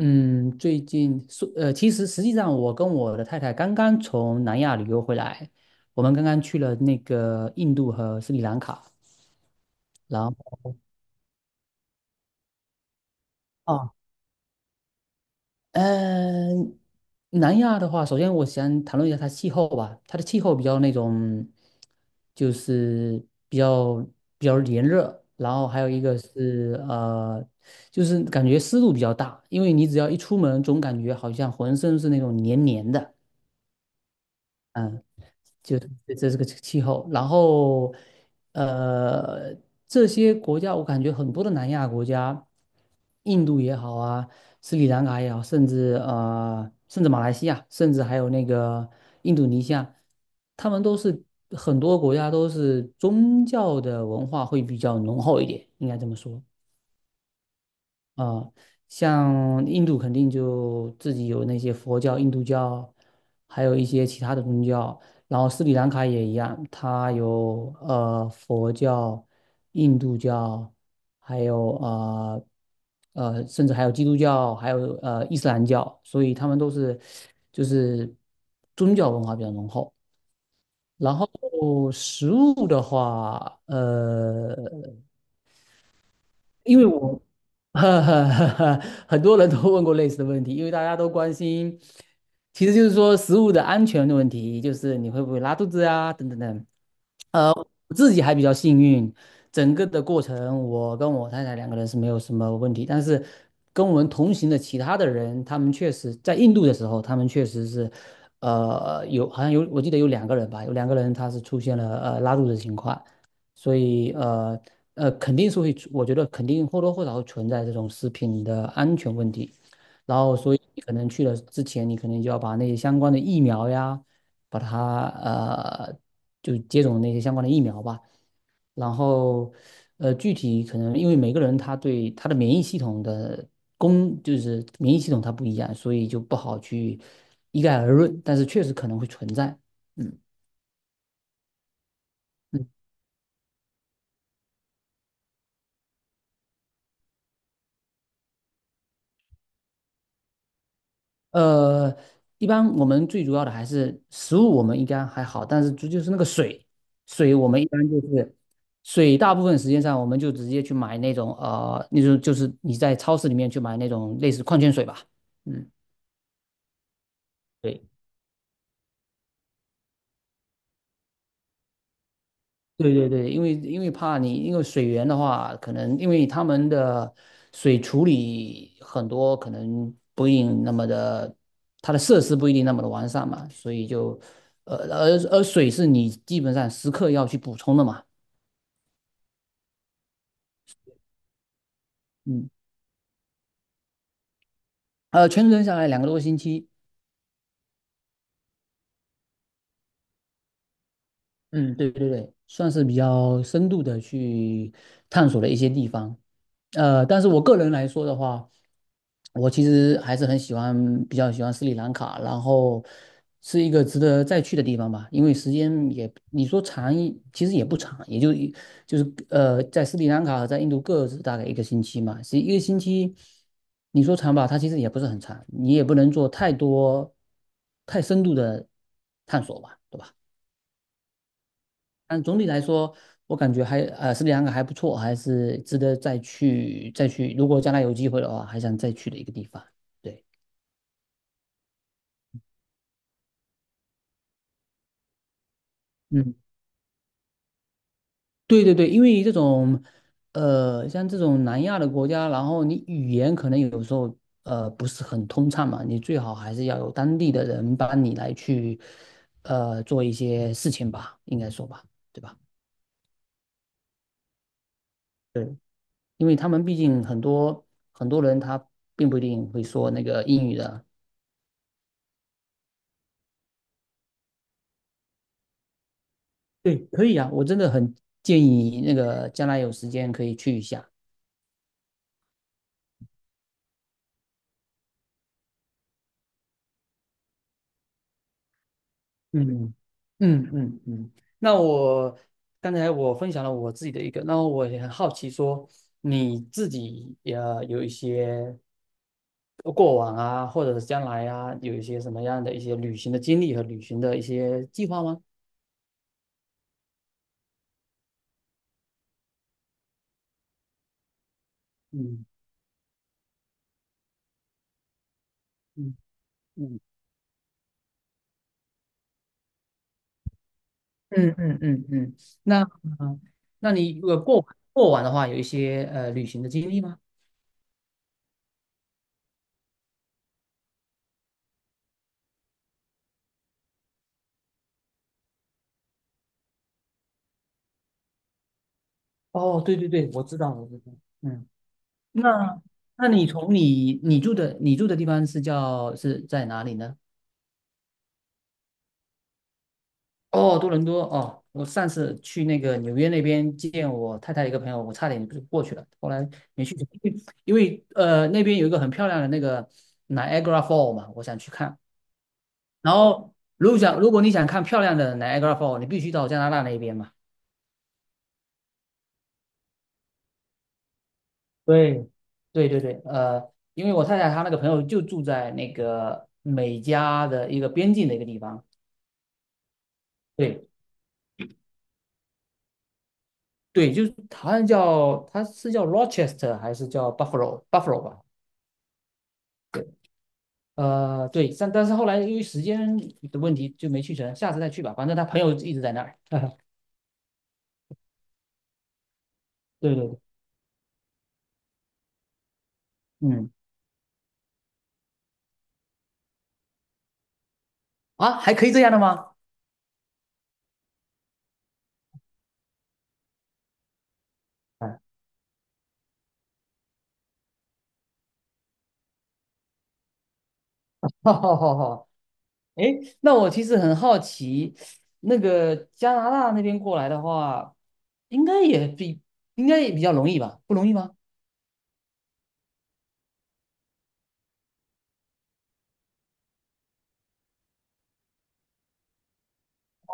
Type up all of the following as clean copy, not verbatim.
嗯，最近说，其实实际上我跟我的太太刚刚从南亚旅游回来，我们刚刚去了那个印度和斯里兰卡，然后，哦，嗯、南亚的话，首先我想谈论一下它气候吧，它的气候比较那种，就是比较比较炎热，然后还有一个是就是感觉湿度比较大，因为你只要一出门，总感觉好像浑身是那种黏黏的。就这这是个气候。然后，呃，这些国家我感觉很多的南亚国家，印度也好啊，斯里兰卡也好，甚至马来西亚，甚至还有那个印度尼西亚，他们都是很多国家都是宗教的文化会比较浓厚一点，应该这么说。啊、像印度肯定就自己有那些佛教、印度教，还有一些其他的宗教。然后斯里兰卡也一样，它有佛教、印度教，还有，甚至还有基督教，还有伊斯兰教，所以他们都是就是宗教文化比较浓厚。然后食物的话，因为我，呵呵呵呵，很多人都问过类似的问题，因为大家都关心，其实就是说食物的安全的问题，就是你会不会拉肚子啊，等等等。我自己还比较幸运，整个的过程我跟我太太两个人是没有什么问题，但是跟我们同行的其他的人，他们确实在印度的时候，他们确实是，有好像有我记得有两个人吧，有两个人他是出现了拉肚子的情况，所以肯定是会出我觉得肯定或多或少会存在这种食品的安全问题，然后所以你可能去了之前，你可能就要把那些相关的疫苗呀。把它就接种那些相关的疫苗吧。然后具体可能因为每个人他对他的免疫系统的就是免疫系统它不一样，所以就不好去一概而论，但是确实可能会存在。嗯。呃，一般我们最主要的还是食物，我们应该还好，但是就是那个水，水我们一般就是水，大部分时间上我们就直接去买那种那种就是你在超市里面去买那种类似矿泉水吧，嗯，对。对对对，因为怕你，因为水源的话，可能因为他们的水处理很多可能不一定那么的，它的设施不一定那么的完善嘛，所以就，而水是你基本上时刻要去补充的嘛，嗯，全程下来2个多星期，嗯，对对对，算是比较深度的去探索了一些地方。但是我个人来说的话，我其实还是很喜欢，比较喜欢斯里兰卡，然后是一个值得再去的地方吧，因为时间也，你说长一，其实也不长，也就一就是呃，在斯里兰卡和在印度各自大概一个星期嘛，是一个星期，你说长吧，它其实也不是很长，你也不能做太多太深度的探索吧，对吧？但总体来说，我感觉还斯里兰卡还不错，还是值得再去再去。如果将来有机会的话，还想再去的一个地方。对。嗯，对对对，因为像这种南亚的国家，然后你语言可能有时候不是很通畅嘛，你最好还是要有当地的人帮你来去做一些事情吧，应该说吧，对吧？对，因为他们毕竟很多很多人他并不一定会说那个英语的。对，可以啊，我真的很建议你那个将来有时间可以去一下。嗯嗯嗯嗯。那我刚才我分享了我自己的一个，那我也很好奇说你自己也有一些过往啊，或者是将来啊，有一些什么样的一些旅行的经历和旅行的一些计划吗？嗯嗯嗯嗯嗯嗯嗯。那嗯，那你如果过过往的话，有一些旅行的经历吗？哦，对对对，我知道，我知道。嗯。那那你从你住的地方是在哪里呢？哦，多伦多哦，我上次去那个纽约那边见我太太一个朋友，我差点就过去了，后来没去成，因为那边有一个很漂亮的那个 Niagara Fall 嘛，我想去看。然后如果你想看漂亮的 Niagara Fall，你必须到加拿大那边嘛。对，对对对，因为我太太她那个朋友就住在那个美加的一个边境的一个地方。对，对，就是好像叫他是叫 Rochester 还是叫 Buffalo 吧？对，对，但是后来由于时间的问题就没去成，下次再去吧。反正他朋友一直在那儿。对对对，嗯，啊，还可以这样的吗？哎。好好好好，哎，那我其实很好奇，那个加拿大那边过来的话，应该也比应该也比较容易吧？不容易吗？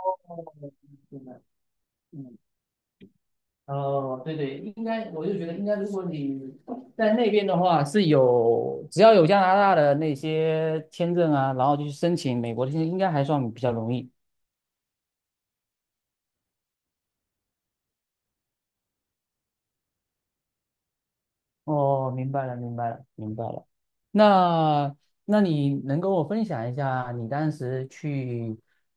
哦，明白，嗯，哦，对对，应该，我就觉得应该，如果你在那边的话，是有只要有加拿大的那些签证啊，然后就去申请美国的签证，应该还算比较容易。哦，明白了，明白了，明白了。那那你能跟我分享一下你当时去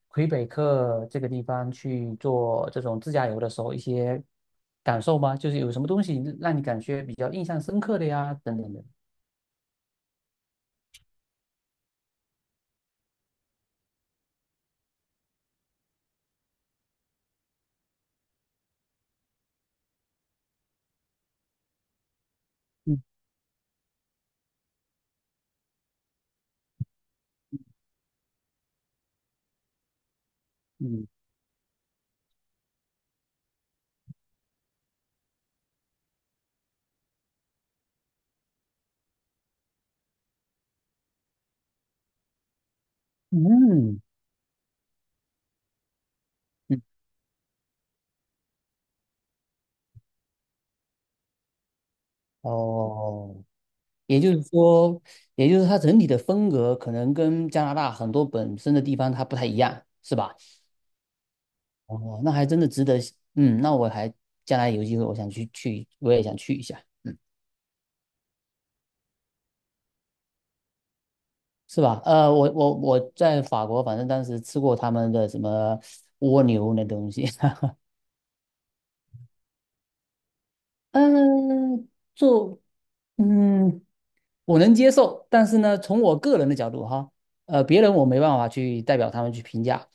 魁北克这个地方去做这种自驾游的时候一些感受吗？就是有什么东西让你感觉比较印象深刻的呀，等等的。嗯嗯嗯嗯。哦，也就是说，也就是它整体的风格可能跟加拿大很多本身的地方它不太一样，是吧？哦，那还真的值得。嗯，那我将来有机会，我想去去，我也想去一下。嗯，是吧？我在法国，反正当时吃过他们的什么蜗牛那东西。嗯，做，嗯。我能接受，但是呢，从我个人的角度哈，别人我没办法去代表他们去评价，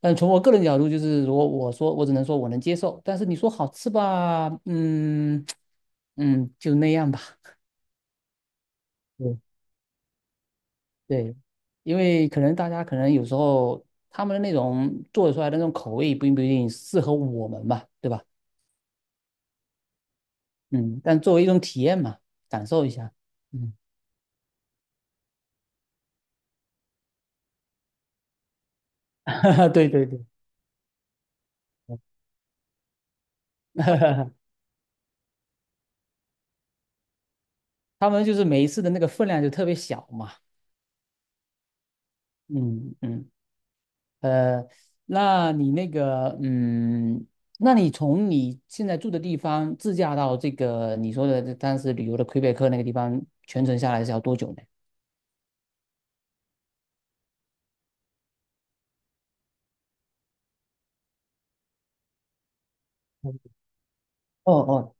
但从我个人角度，就是如果我说，我只能说我能接受，但是你说好吃吧，嗯嗯，就那样吧。对对，因为可能大家可能有时候他们的那种做出来的那种口味，并不一定适合我们吧，对吧？嗯，但作为一种体验嘛，感受一下。嗯。对对对。他们就是每一次的那个分量就特别小嘛。嗯嗯，呃，那你那个，嗯，那你从你现在住的地方自驾到这个你说的这当时旅游的魁北克那个地方，全程下来是要多久呢？哦哦，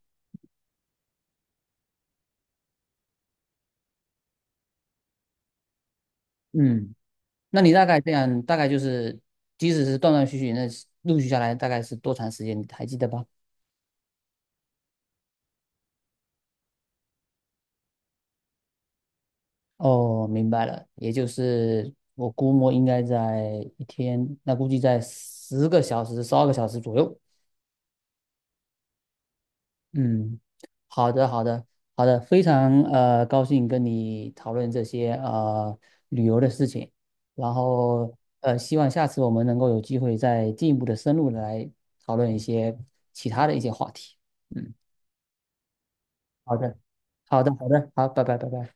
嗯，那你大概这样，大概就是，即使是断断续续，那陆续下来大概是多长时间？你还记得吧？哦，明白了，也就是我估摸应该在一天，那估计在10个小时、12个小时左右。嗯，好的，好的，好的，非常高兴跟你讨论这些旅游的事情，然后希望下次我们能够有机会再进一步的深入的来讨论一些其他的一些话题。嗯，好的，好的，好的，好，拜拜，拜拜。